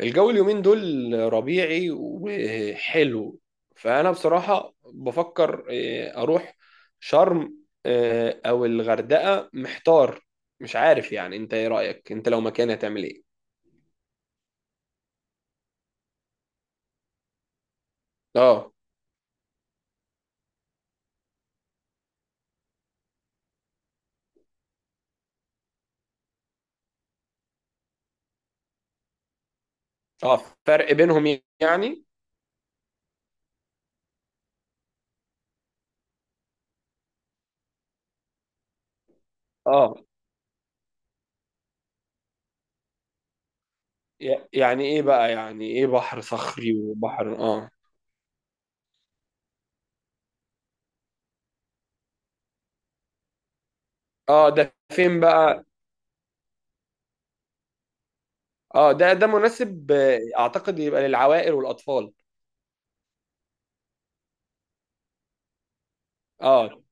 الجو اليومين دول ربيعي وحلو. فأنا بصراحة بفكر أروح شرم أو الغردقة. محتار مش عارف. يعني أنت إيه رأيك؟ أنت لو مكاني هتعمل إيه؟ آه. آه، فرق بينهم يعني. آه. يعني إيه بقى، يعني إيه بحر صخري وبحر؟ آه، ده فين بقى؟ آه. ده مناسب، أعتقد يبقى للعوائل والأطفال. آه،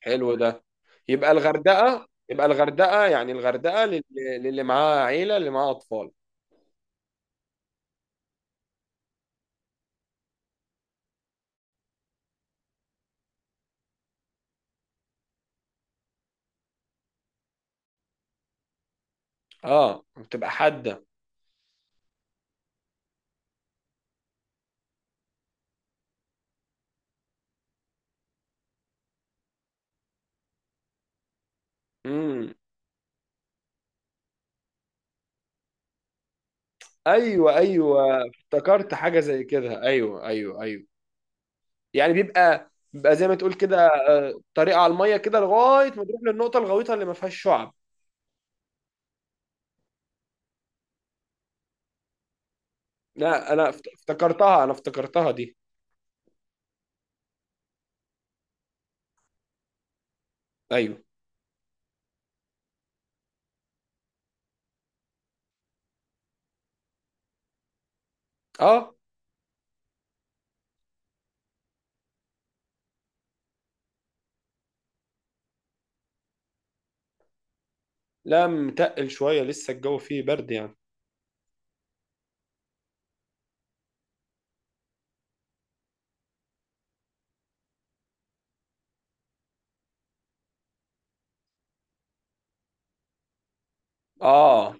حلو ده. يبقى الغردقة يعني الغردقة للي معاه عيلة، اللي معاه أطفال. اه، بتبقى حادة. امم. ايوه، ايوه، افتكرت حاجة زي كده. ايوه، ايوه، ايوه. يعني بيبقى زي ما تقول كده، طريقة على المية كده لغاية ما تروح للنقطة الغويطة اللي ما فيهاش شعب. لا، انا افتكرتها دي. ايوه. اه. لا، متقل شوية، لسه الجو فيه برد يعني. اه.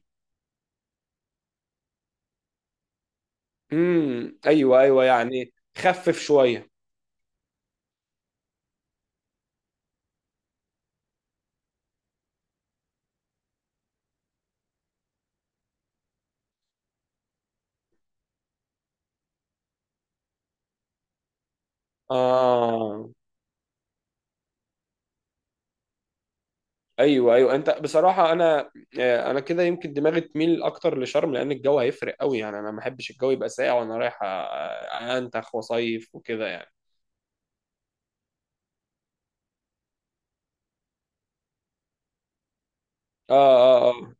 امم. ايوه، ايوه، يعني خفف شوية. اه. ايوه، ايوه، انت بصراحه انا كده يمكن دماغي تميل اكتر لشرم، لان الجو هيفرق قوي يعني. انا ما بحبش الجو يبقى ساقع وانا رايح، انتخ وصيف وكده يعني. اه، اه، اه.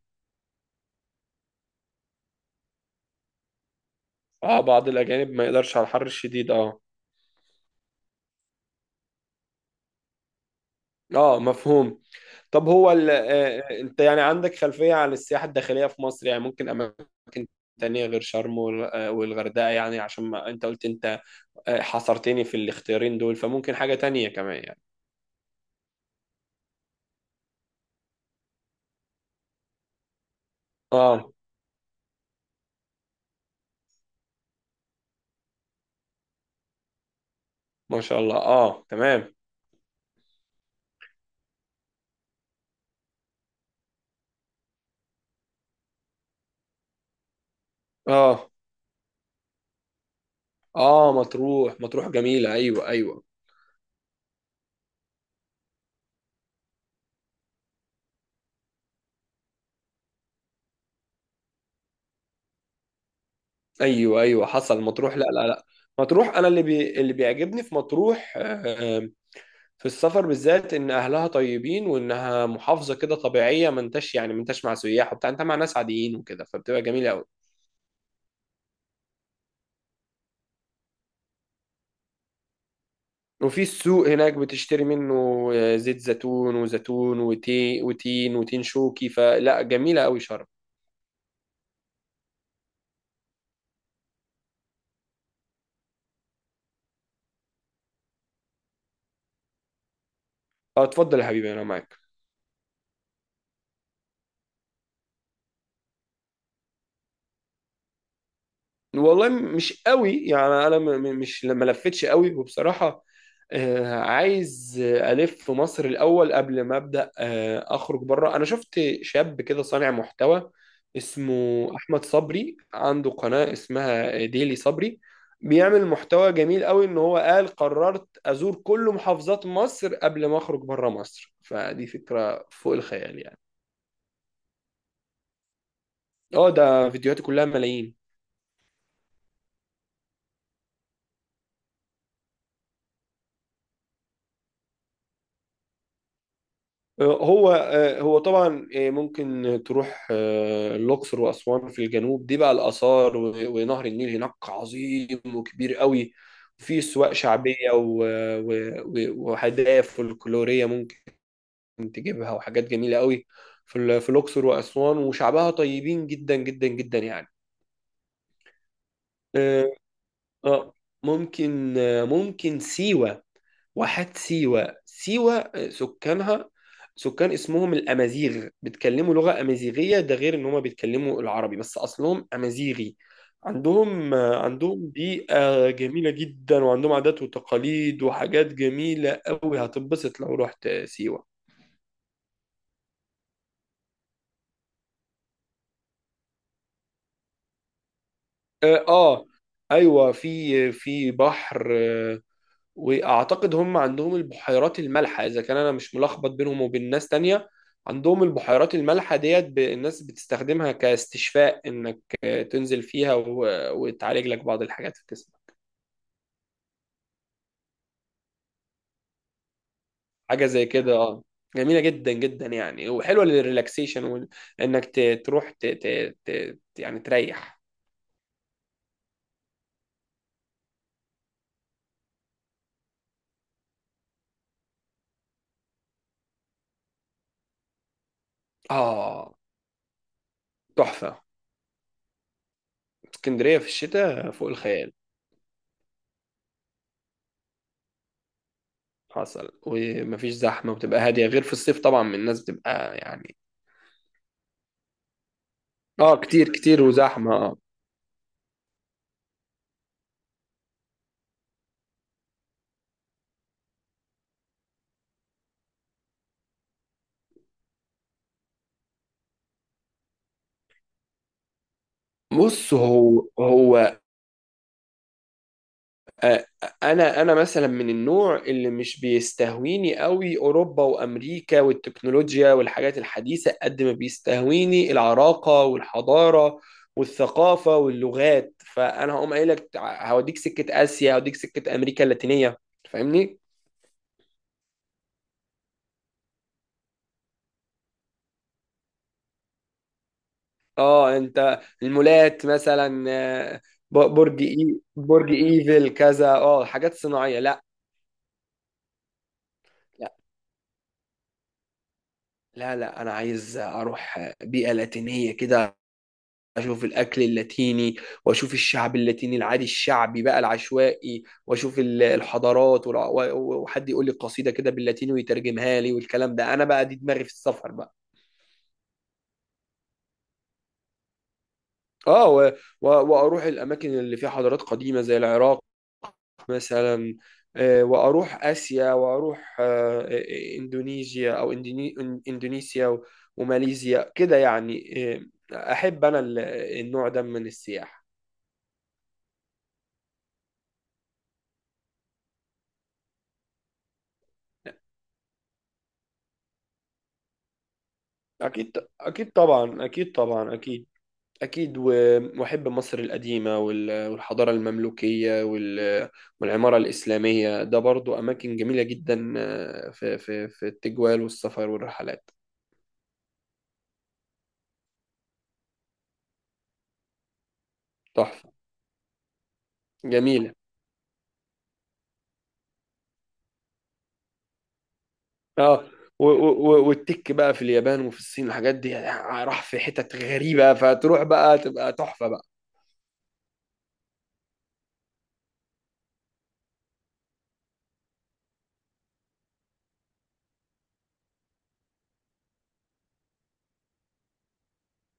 اه، بعض الاجانب ما يقدرش على الحر الشديد. اه. اه، مفهوم. طب هو ال... آه، آه، انت يعني عندك خلفيه عن السياحه الداخليه في مصر يعني؟ ممكن اماكن تانية غير شرم والغردقه يعني، عشان ما انت قلت انت حصرتني في الاختيارين دول. فممكن حاجه تانية كمان يعني؟ اه. ما شاء الله. اه، تمام. اه، اه، مطروح، مطروح جميلة، ايوه، ايوه. ايوه، ايوه، حصل. مطروح، لا، لا، لا. مطروح، انا اللي بيعجبني في مطروح في السفر بالذات، ان اهلها طيبين وانها محافظة كده طبيعية. ما انتش مع سياح وبتاع، انت مع ناس عاديين وكده، فبتبقى جميلة قوي. وفي السوق هناك بتشتري منه زيت زيتون، وزيتون، وتين، وتين شوكي. فلا، جميلة قوي شرم. اه، اتفضل يا حبيبي، انا معاك. والله مش قوي يعني. انا م- م- مش ما لفتش قوي وبصراحه، عايز الف في مصر الاول قبل ما ابدا اخرج بره. انا شفت شاب كده صانع محتوى اسمه احمد صبري، عنده قناه اسمها ديلي صبري، بيعمل محتوى جميل قوي. ان هو قال قررت ازور كل محافظات مصر قبل ما اخرج بره مصر. فدي فكره فوق الخيال يعني. اه. ده فيديوهاته كلها ملايين. هو هو طبعا، ممكن تروح الأقصر وأسوان في الجنوب. دي بقى الآثار، ونهر النيل هناك عظيم وكبير قوي. وفي سواق شعبية وهدايا فلكلورية ممكن تجيبها، وحاجات جميلة قوي في الأقصر وأسوان. وشعبها طيبين جدا جدا جدا يعني. آه، آه، ممكن، ممكن سيوة، واحات سيوة، سيوة سكان اسمهم الأمازيغ، بيتكلموا لغة أمازيغية. ده غير إن هما بيتكلموا العربي بس أصلهم أمازيغي. عندهم بيئة جميلة جدا، وعندهم عادات وتقاليد وحاجات جميلة قوي. هتنبسط لو رحت سيوة. آه. أيوة، في بحر. واعتقد هم عندهم البحيرات المالحه، اذا كان انا مش ملخبط بينهم وبين ناس تانية. عندهم البحيرات المالحه ديت، الناس بتستخدمها كاستشفاء، انك تنزل فيها وتعالج لك بعض الحاجات في جسمك. حاجه زي كده. اه. جميله جدا جدا يعني، وحلوه للريلاكسيشن انك تروح يعني تريح. اه، تحفه. اسكندريه في الشتاء فوق الخيال. حصل. ومفيش زحمه، وبتبقى هاديه غير في الصيف، طبعا الناس بتبقى يعني. اه، كتير كتير وزحمه. اه. بص، هو هو آه، انا مثلا من النوع اللي مش بيستهويني قوي اوروبا وامريكا والتكنولوجيا والحاجات الحديثه، قد ما بيستهويني العراقه والحضاره والثقافه واللغات. فانا هقوم قايل لك هوديك سكه اسيا، هوديك سكه امريكا اللاتينيه. فاهمني. اه، انت المولات مثلا؟ برج، اي برج ايفل، كذا. اه، حاجات صناعيه؟ لا. لا، لا، انا عايز اروح بيئة لاتينية كده، اشوف الاكل اللاتيني، واشوف الشعب اللاتيني العادي الشعبي بقى العشوائي، واشوف الحضارات وحد يقول لي قصيدة كده باللاتيني ويترجمها لي والكلام ده. انا بقى، دي دماغي في السفر بقى. اه. و- واروح الاماكن اللي فيها حضارات قديمة زي العراق مثلا. واروح اسيا، واروح اندونيسيا، او اندونيسيا وماليزيا كده يعني. احب انا النوع ده من السياحة. اكيد، اكيد، طبعا، اكيد، طبعا، اكيد، اكيد. واحب مصر القديمة، والحضارة المملوكية، والعمارة الإسلامية. ده برضو اماكن جميلة جدا في التجوال والسفر والرحلات. تحفة. جميلة. اه. والتك بقى في اليابان وفي الصين، الحاجات دي راح في حتت غريبة، فتروح بقى تبقى تحفة بقى.